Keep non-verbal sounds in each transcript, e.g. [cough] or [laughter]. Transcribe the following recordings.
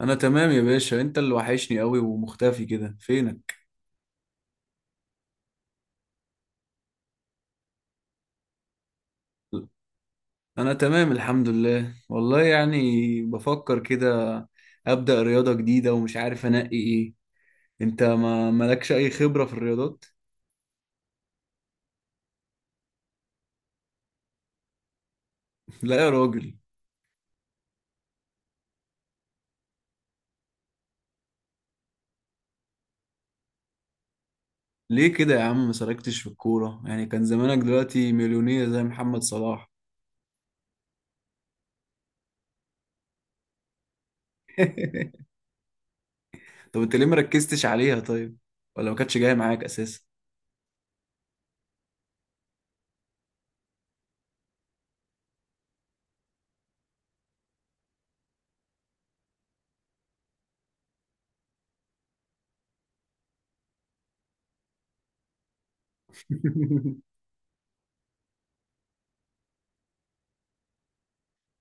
انا تمام يا باشا، انت اللي وحشني قوي ومختفي كده، فينك؟ انا تمام الحمد لله، والله يعني بفكر كده ابدا رياضة جديدة ومش عارف انقي ايه. انت ما مالكش اي خبرة في الرياضات؟ [laughs] لا يا راجل. ليه كده يا عم ما سلكتش في الكورة؟ يعني كان زمانك دلوقتي مليونير زي محمد صلاح. [laughs] طب انت ليه مركزتش عليها طيب؟ ولا ما كانتش جاية معاك اساسا؟ [laughs]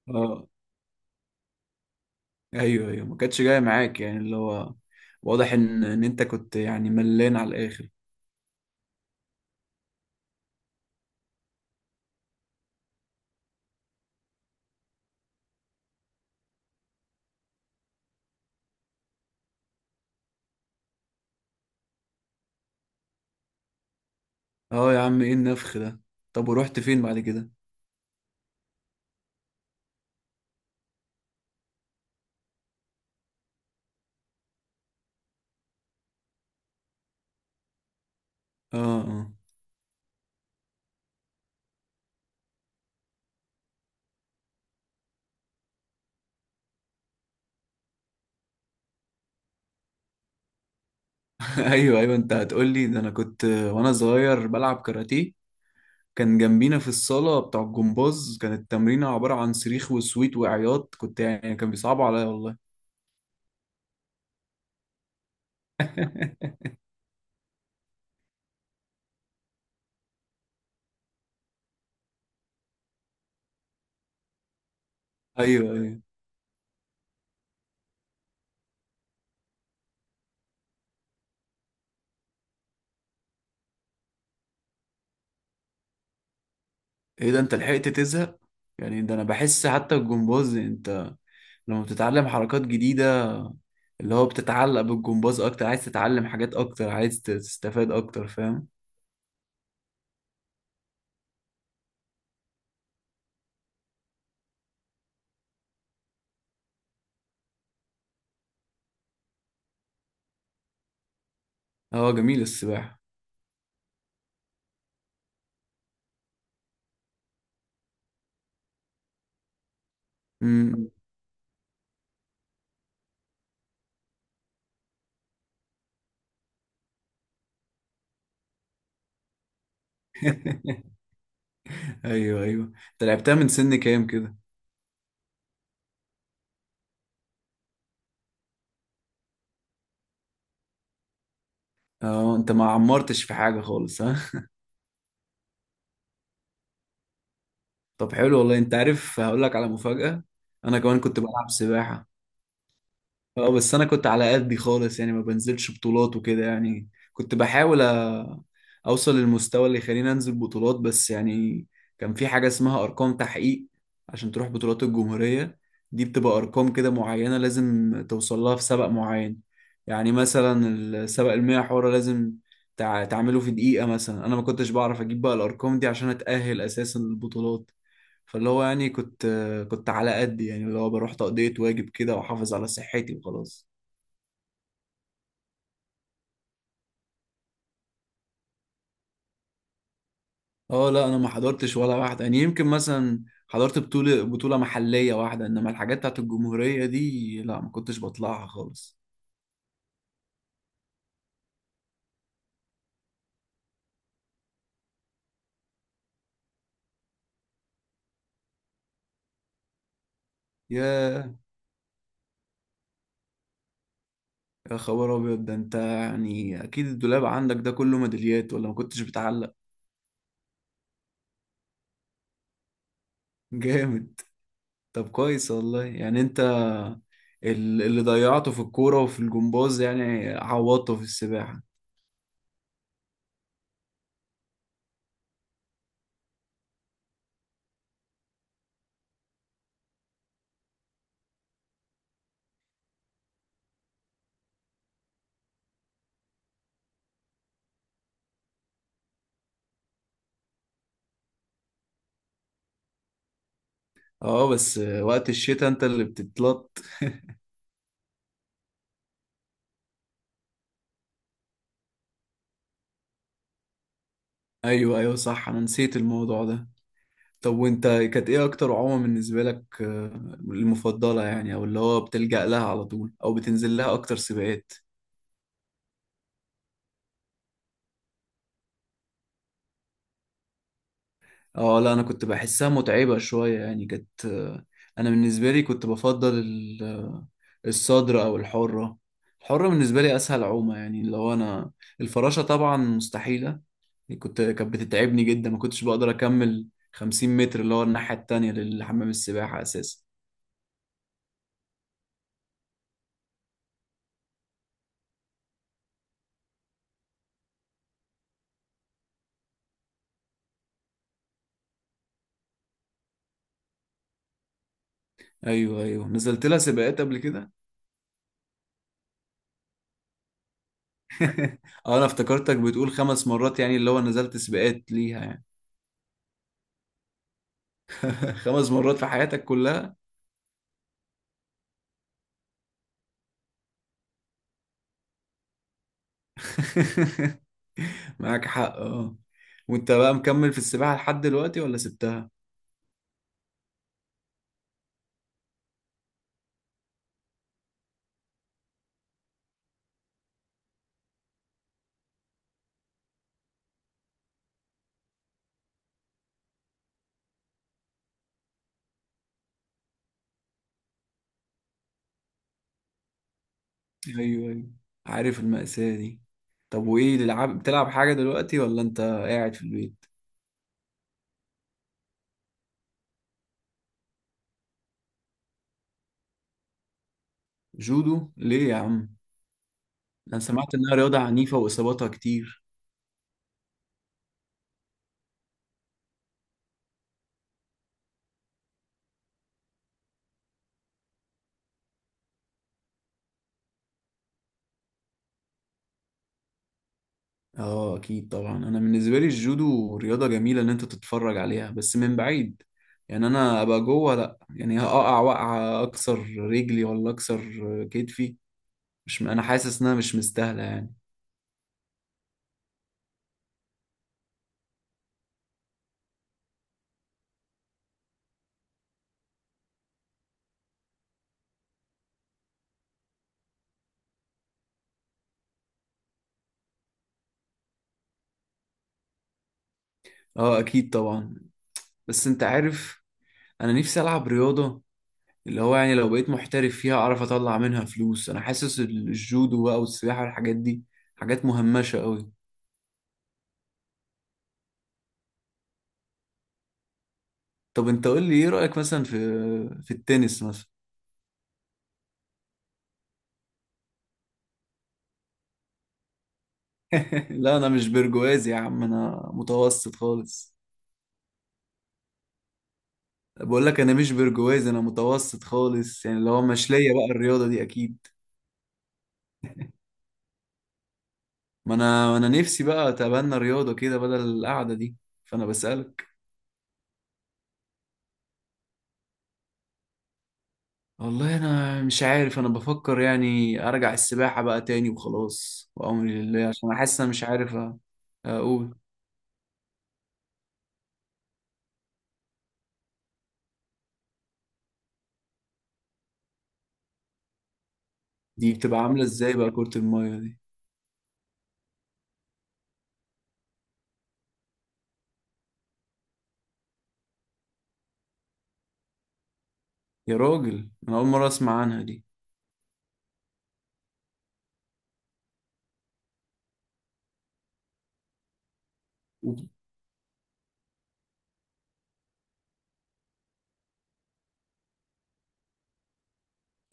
اه، ايوه ايوه، ما كانتش جايه معاك، يعني اللي هو واضح ان انت كنت يعني ملان على الاخر. اه يا عم ايه النفخ ده؟ طب ورحت فين بعد كده؟ اه، اه. [laughs] ايوه ايوه، انت هتقول لي ده؟ انا كنت وانا صغير بلعب كاراتيه. كان جنبينا في الصاله بتاع الجمباز، كانت التمرينه عباره عن صريخ وسويت وعياط، كنت يعني كان بيصعبوا عليا والله. [laughs] ايوه ايوه، ايه ده انت لحقت تزهق؟ يعني ده انا بحس حتى الجمباز يعني لما بتتعلم حركات جديدة، اللي هو بتتعلق بالجمباز أكتر، عايز تتعلم حاجات أكتر، عايز تستفاد أكتر فاهم. اه جميل السباحة. مم. [laughs] أيوه أيوه، أنت لعبتها من سن كام كده؟ اه، أنت ما عمرتش في حاجة خالص ها؟ [laughs] طب حلو والله، أنت عارف هقول لك على مفاجأة، أنا كمان كنت بلعب سباحة. اه، بس انا كنت على قدي خالص، يعني ما بنزلش بطولات وكده، يعني كنت بحاول اوصل للمستوى اللي يخليني انزل بطولات بس يعني. كان في حاجة اسمها ارقام تحقيق عشان تروح بطولات الجمهورية. دي بتبقى ارقام كده معينة لازم توصل لها في سبق معين. يعني مثلا السبق المية حورة لازم تعمله في دقيقة، مثلا انا ما كنتش بعرف اجيب بقى الارقام دي عشان اتأهل اساسا للبطولات. فاللي هو يعني كنت على قد يعني، اللي هو بروح تقضية واجب كده واحافظ على صحتي وخلاص. اه لا، انا ما حضرتش ولا واحدة، يعني يمكن مثلا حضرت بطولة محلية واحدة، انما الحاجات بتاعت الجمهورية دي لا، ما كنتش بطلعها خالص. يا يا خبر ابيض، ده انت يعني اكيد الدولاب عندك ده كله ميداليات، ولا ما كنتش بتعلق؟ جامد. طب كويس والله، يعني انت اللي ضيعته في الكورة وفي الجمباز يعني عوضته في السباحة. اه، بس وقت الشتاء انت اللي بتتلط. ايوه ايوه، صح انا نسيت الموضوع ده. طب وانت كانت ايه اكتر عومة بالنسبة لك المفضلة؟ يعني او اللي هو بتلجأ لها على طول، او بتنزل لها اكتر سباقات؟ اه لا، انا كنت بحسها متعبة شوية يعني كانت انا بالنسبة لي كنت بفضل الصدر او الحرة. الحرة بالنسبة لي اسهل عومة، يعني اللي هو انا الفراشة طبعا مستحيلة، كانت بتتعبني جدا، ما كنتش بقدر اكمل 50 متر اللي هو الناحية التانية للحمام السباحة اساسا. ايوه ايوه، نزلت لها سباقات قبل كده؟ [laughs] اه، انا افتكرتك بتقول خمس مرات يعني اللي هو نزلت سباقات ليها يعني. [laughs] خمس مرات في حياتك كلها؟ [laughs] معاك حق، اه. وانت بقى مكمل في السباحة لحد دلوقتي، ولا سبتها؟ ايوه ايوه، عارف المأساة دي. طب وايه العاب بتلعب حاجة دلوقتي، ولا انت قاعد في البيت؟ جودو؟ ليه يا عم؟ انا سمعت انها رياضة عنيفة واصاباتها كتير. اه اكيد طبعا، انا بالنسبه لي الجودو رياضه جميله ان انت تتفرج عليها بس من بعيد. يعني انا ابقى جوه لا، يعني هقع وقعه اكسر رجلي ولا اكسر كتفي، مش انا حاسس انها مش مستاهله يعني. اه اكيد طبعا. بس انت عارف، انا نفسي العب رياضه اللي هو يعني لو بقيت محترف فيها اعرف اطلع منها فلوس. انا حاسس الجودو بقى والسباحه والحاجات دي حاجات مهمشه قوي. طب انت قول لي ايه رايك مثلا في التنس مثلا؟ لا، انا مش برجوازي يا عم، انا متوسط خالص. بقول لك انا مش برجوازي، انا متوسط خالص يعني اللي هو مش ليا بقى الرياضه دي اكيد. ما انا نفسي بقى اتبنى رياضه كده بدل القعده دي، فانا بسالك. والله انا مش عارف، انا بفكر يعني ارجع السباحه بقى تاني وخلاص وامري لله، عشان انا حاسس انا مش عارف اقول دي بتبقى عامله ازاي بقى كره المايه دي؟ يا راجل انا اول مره اسمع عنها دي.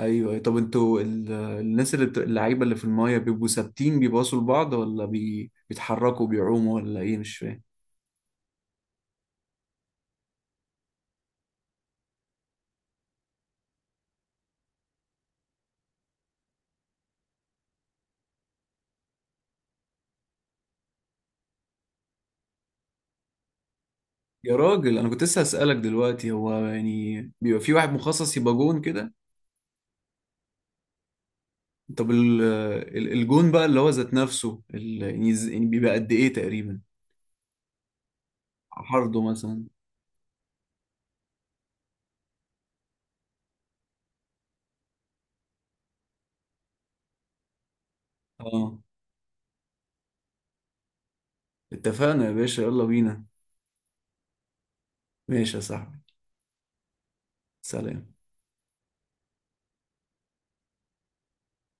ايوه أيوة. طب انتوا الناس اللي اللعيبه اللي في المايه بيبقوا ثابتين بيباصوا لبعض، ولا بيتحركوا بيعوموا ولا ايه؟ مش فاهم. يا راجل انا كنت لسه هسألك دلوقتي، هو يعني بيبقى في واحد مخصص يبقى جون كده؟ طب الجون بقى اللي هو ذات نفسه يعني يعني بيبقى قد ايه تقريبا، عرضه مثلا؟ اه، اتفقنا يا باشا، يلا بينا. ماشي يا صاحبي. سلام.